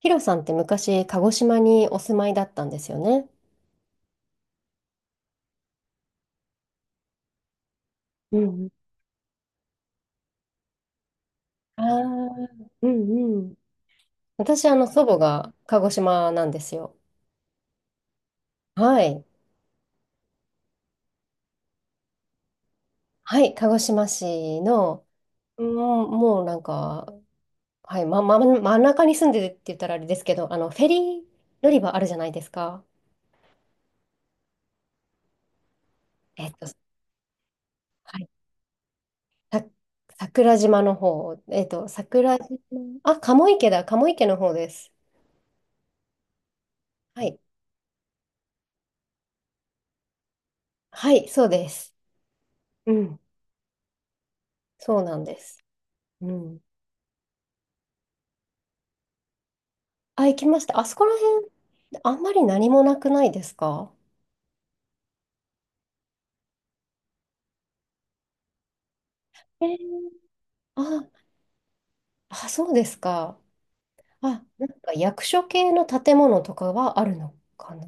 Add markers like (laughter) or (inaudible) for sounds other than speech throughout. ヒロさんって昔、鹿児島にお住まいだったんですよね。うん。ああ。うんうん。私、祖母が鹿児島なんですよ。はい。はい、鹿児島市の、もうなんか、はい、ま、真ん中に住んでるって言ったらあれですけど、フェリー乗り場あるじゃないですか。えっと、はい、さ、桜島の方、桜島、あ、鴨池だ、鴨池の方です。はい。はい、そうです。うん。そうなんです。うん。あ、行きました。あそこら辺、あんまり何もなくないですか？えー、あ、あ、そうですか。あ、なんか役所系の建物とかはあるのかな。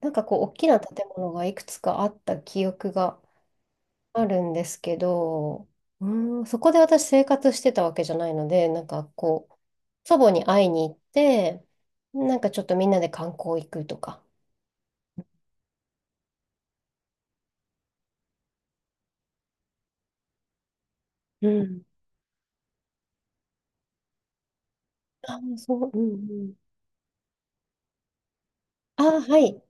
なんかこう、大きな建物がいくつかあった記憶があるんですけど、うそこで私生活してたわけじゃないので、なんかこう、祖母に会いに行って、なんかちょっとみんなで観光行くとか。うん。あ、そう、うんうん。あ、はい。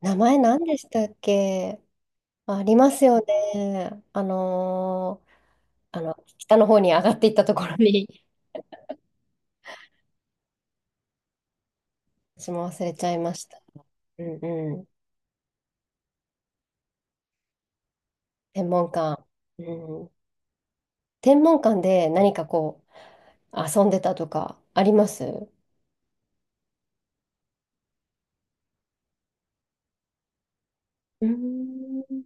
名前何でしたっけ？ありますよね。あの、北の方に上がっていったところに、私も忘れちゃいました。うんうん。天文館。うん。天文館で何かこう、遊んでたとかあります？うーん。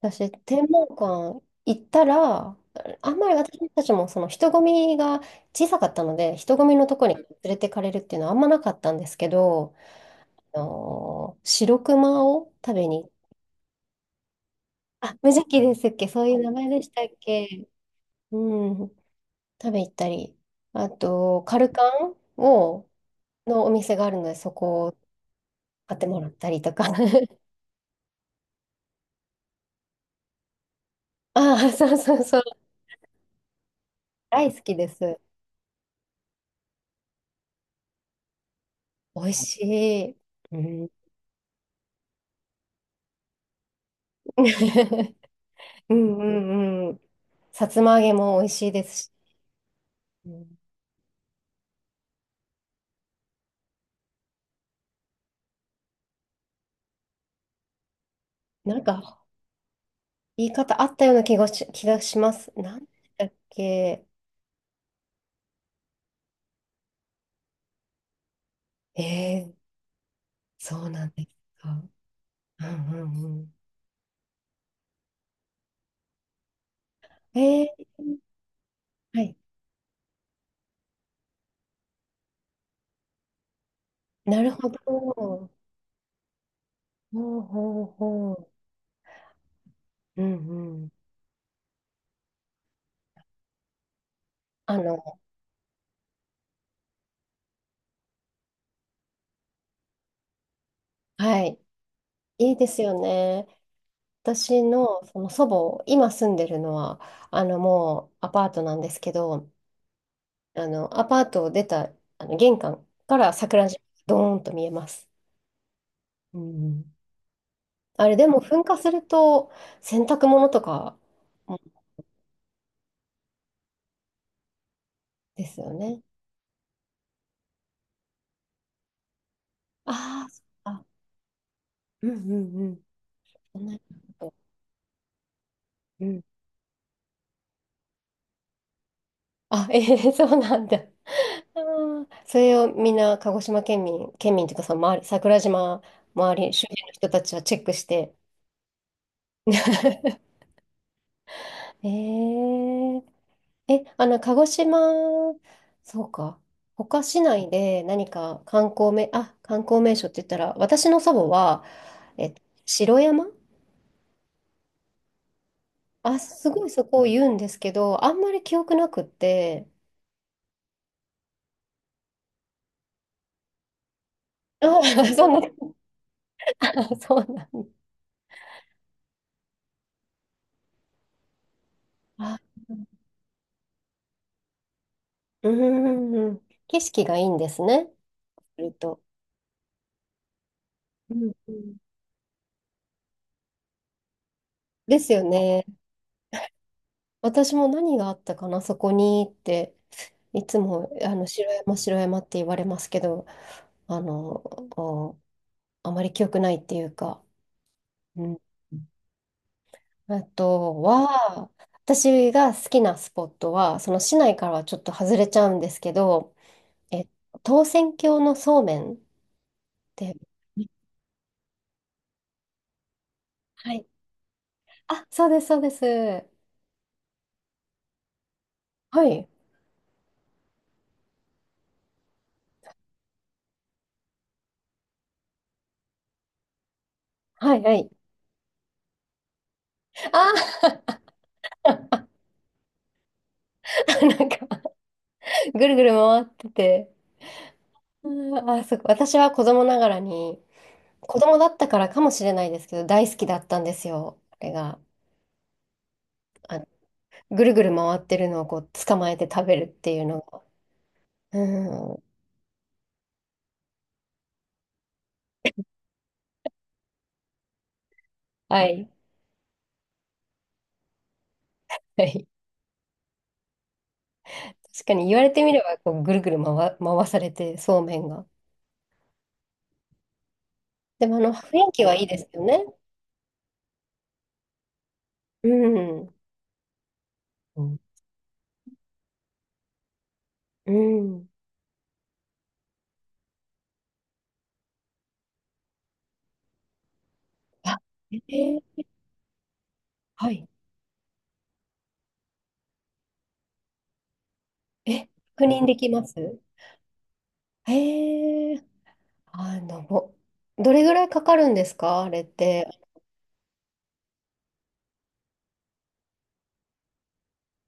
私、天文館行ったら、あんまり私たちもその人混みが小さかったので、人混みのとこに連れてかれるっていうのはあんまなかったんですけど、あの白熊を食べに行っ、あ、無邪気ですっけ？そういう名前でしたっけ？うん。食べ行ったり。あと、カルカンを、のお店があるので、そこを買ってもらったりとか。(laughs) ああ、そうそうそう。大好きです。美味しい。うん。(laughs) うんうんうん。さつま揚げも美味しいですし。うん。なんか、言い方あったような気がします。なんだっけ？えー、そうなんですか。うんうんうん。えー、はい。なるほど。ほうほうほう。うんうん。あの、はい。いいですよね。私の、その祖母、今住んでるのは、もうアパートなんですけど、アパートを出た、玄関から桜島、ドーンと見えます。うんうん。あれ、でも噴火すると、洗濯物とかもですよね。ああ、そっか。うんうんうん。そんなこと。うん。あ、ええ、そうなんだ。あー、それをみんな鹿児島県民、県民というかその周り、桜島周り、周辺の人たちはチェックして。(laughs) えー、え、あの、鹿児島、そうか、他市内で何か観光名、あ、観光名所って言ったら、私の祖母は、城山、あ、すごいそこを言うんですけど、あんまり記憶なくって、あ、(laughs) そんな、(laughs) あ、そうなん。あ、うんうんうん、景色がいいんですね。すると。うんうん、ですよね。私も何があったかな、そこにって、いつも、あの、白山、白山って言われますけど、あの、おあまり記憶ないっていうか、うん。あとは、私が好きなスポットは、その市内からはちょっと外れちゃうんですけど、え、唐船峡のそうめんって、はい。あ、そうです、そうです。はい。はい、はい。あー、 (laughs) なんか、ぐるぐる回ってて、あー、あそこ私は子供ながらに、子供だったからかもしれないですけど、大好きだったんですよ。あれが。あの、ぐるぐる回ってるのをこう捕まえて食べるっていうのが。うん。はい。はい。確かに言われてみれば、こうぐるぐる回されて、そうめんが。でもあの雰囲気はいいですよね。うん。うんうん。あ、えー、はい。え、確認できます？えー、あの、どれぐらいかかるんですかあれって。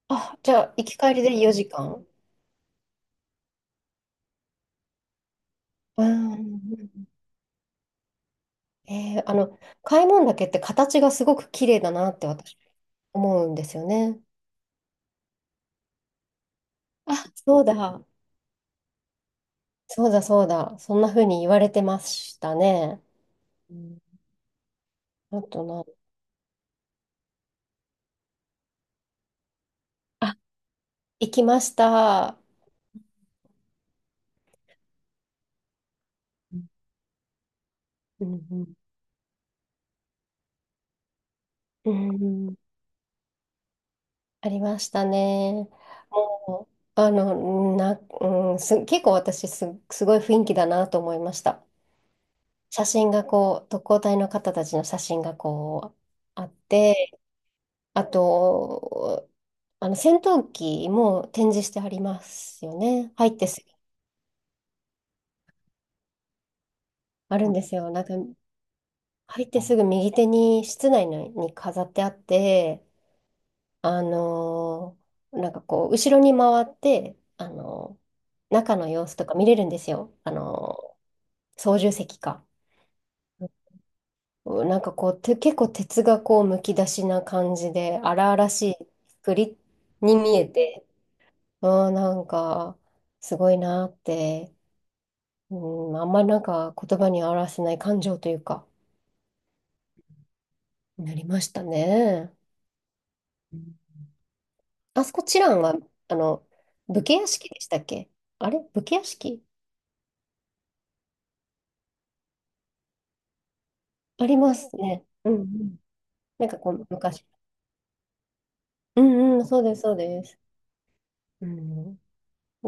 あ、じゃあ、行き帰りで4時間。うん。えー、あの、開聞岳って形がすごく綺麗だなって私思うんですよね。あ、そうだ。そうだ、そうだ。そんな風に言われてましたね。うん。あとな、あ、行きました。うんうんうん、うん。ありましたね。もう、な、うん、結構私、すごい雰囲気だなと思いました。写真がこう、特攻隊の方たちの写真がこう、あって、あと、あの戦闘機も展示してありますよね。入ってすぐ、あるんですよ。なんか、入ってすぐ右手に室内のに飾ってあって、あのなんかこう、後ろに回って、中の様子とか見れるんですよ。操縦席か。なんかこう、結構哲学をむき出しな感じで、荒々しい作りに見えて、あー、なんか、すごいなーって、うん、まあんまりなんか言葉に表せない感情というか、なりましたね。あそこ、チランは、あの、武家屋敷でしたっけ？あれ、武家屋敷ありますね。うんうん。なんかこう、昔。うんうん、そうです、そうです。う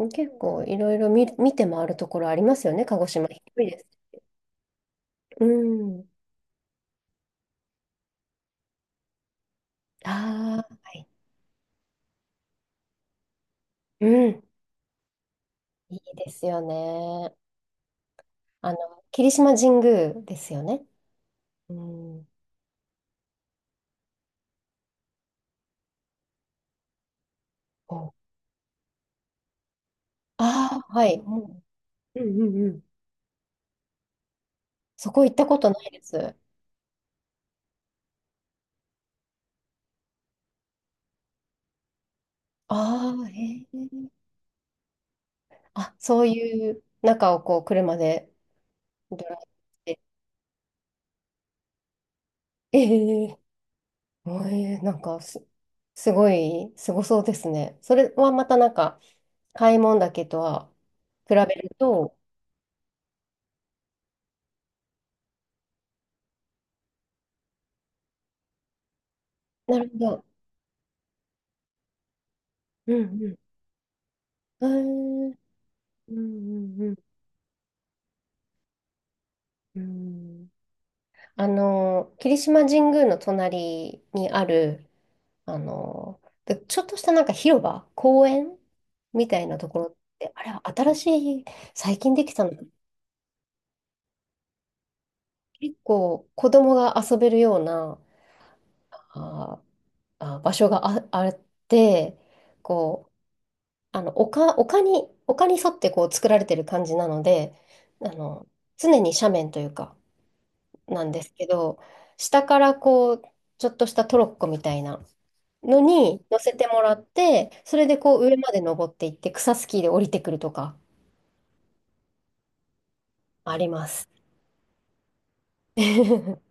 ん、結構いろいろ見て回るところありますよね、鹿児島。広いです。うん。ああ、はい。うん。いいですよね。あの、霧島神宮ですよね。うん。おああ、はい。もうんうんうんうん。そこ行ったことないです。ああ、へえ。あ、そういう中をこう車でドライブして。ええ。なんかすごい、すごそうですね。それはまたなんか、買い物だけとは比べると、なるほど。うんうん。うんうんうんうん。うん。あの、霧島神宮の隣にある、あの、でちょっとしたなんか広場、公園みたいなところって、あれは新しい、最近できたのかな。結構子供が遊べるような、ああ、場所があって、こう、丘に沿ってこう作られてる感じなので、あの、常に斜面というか、なんですけど、下からこう、ちょっとしたトロッコみたいなのに乗せてもらって、それでこう上まで登っていって、草スキーで降りてくるとかあります。(laughs)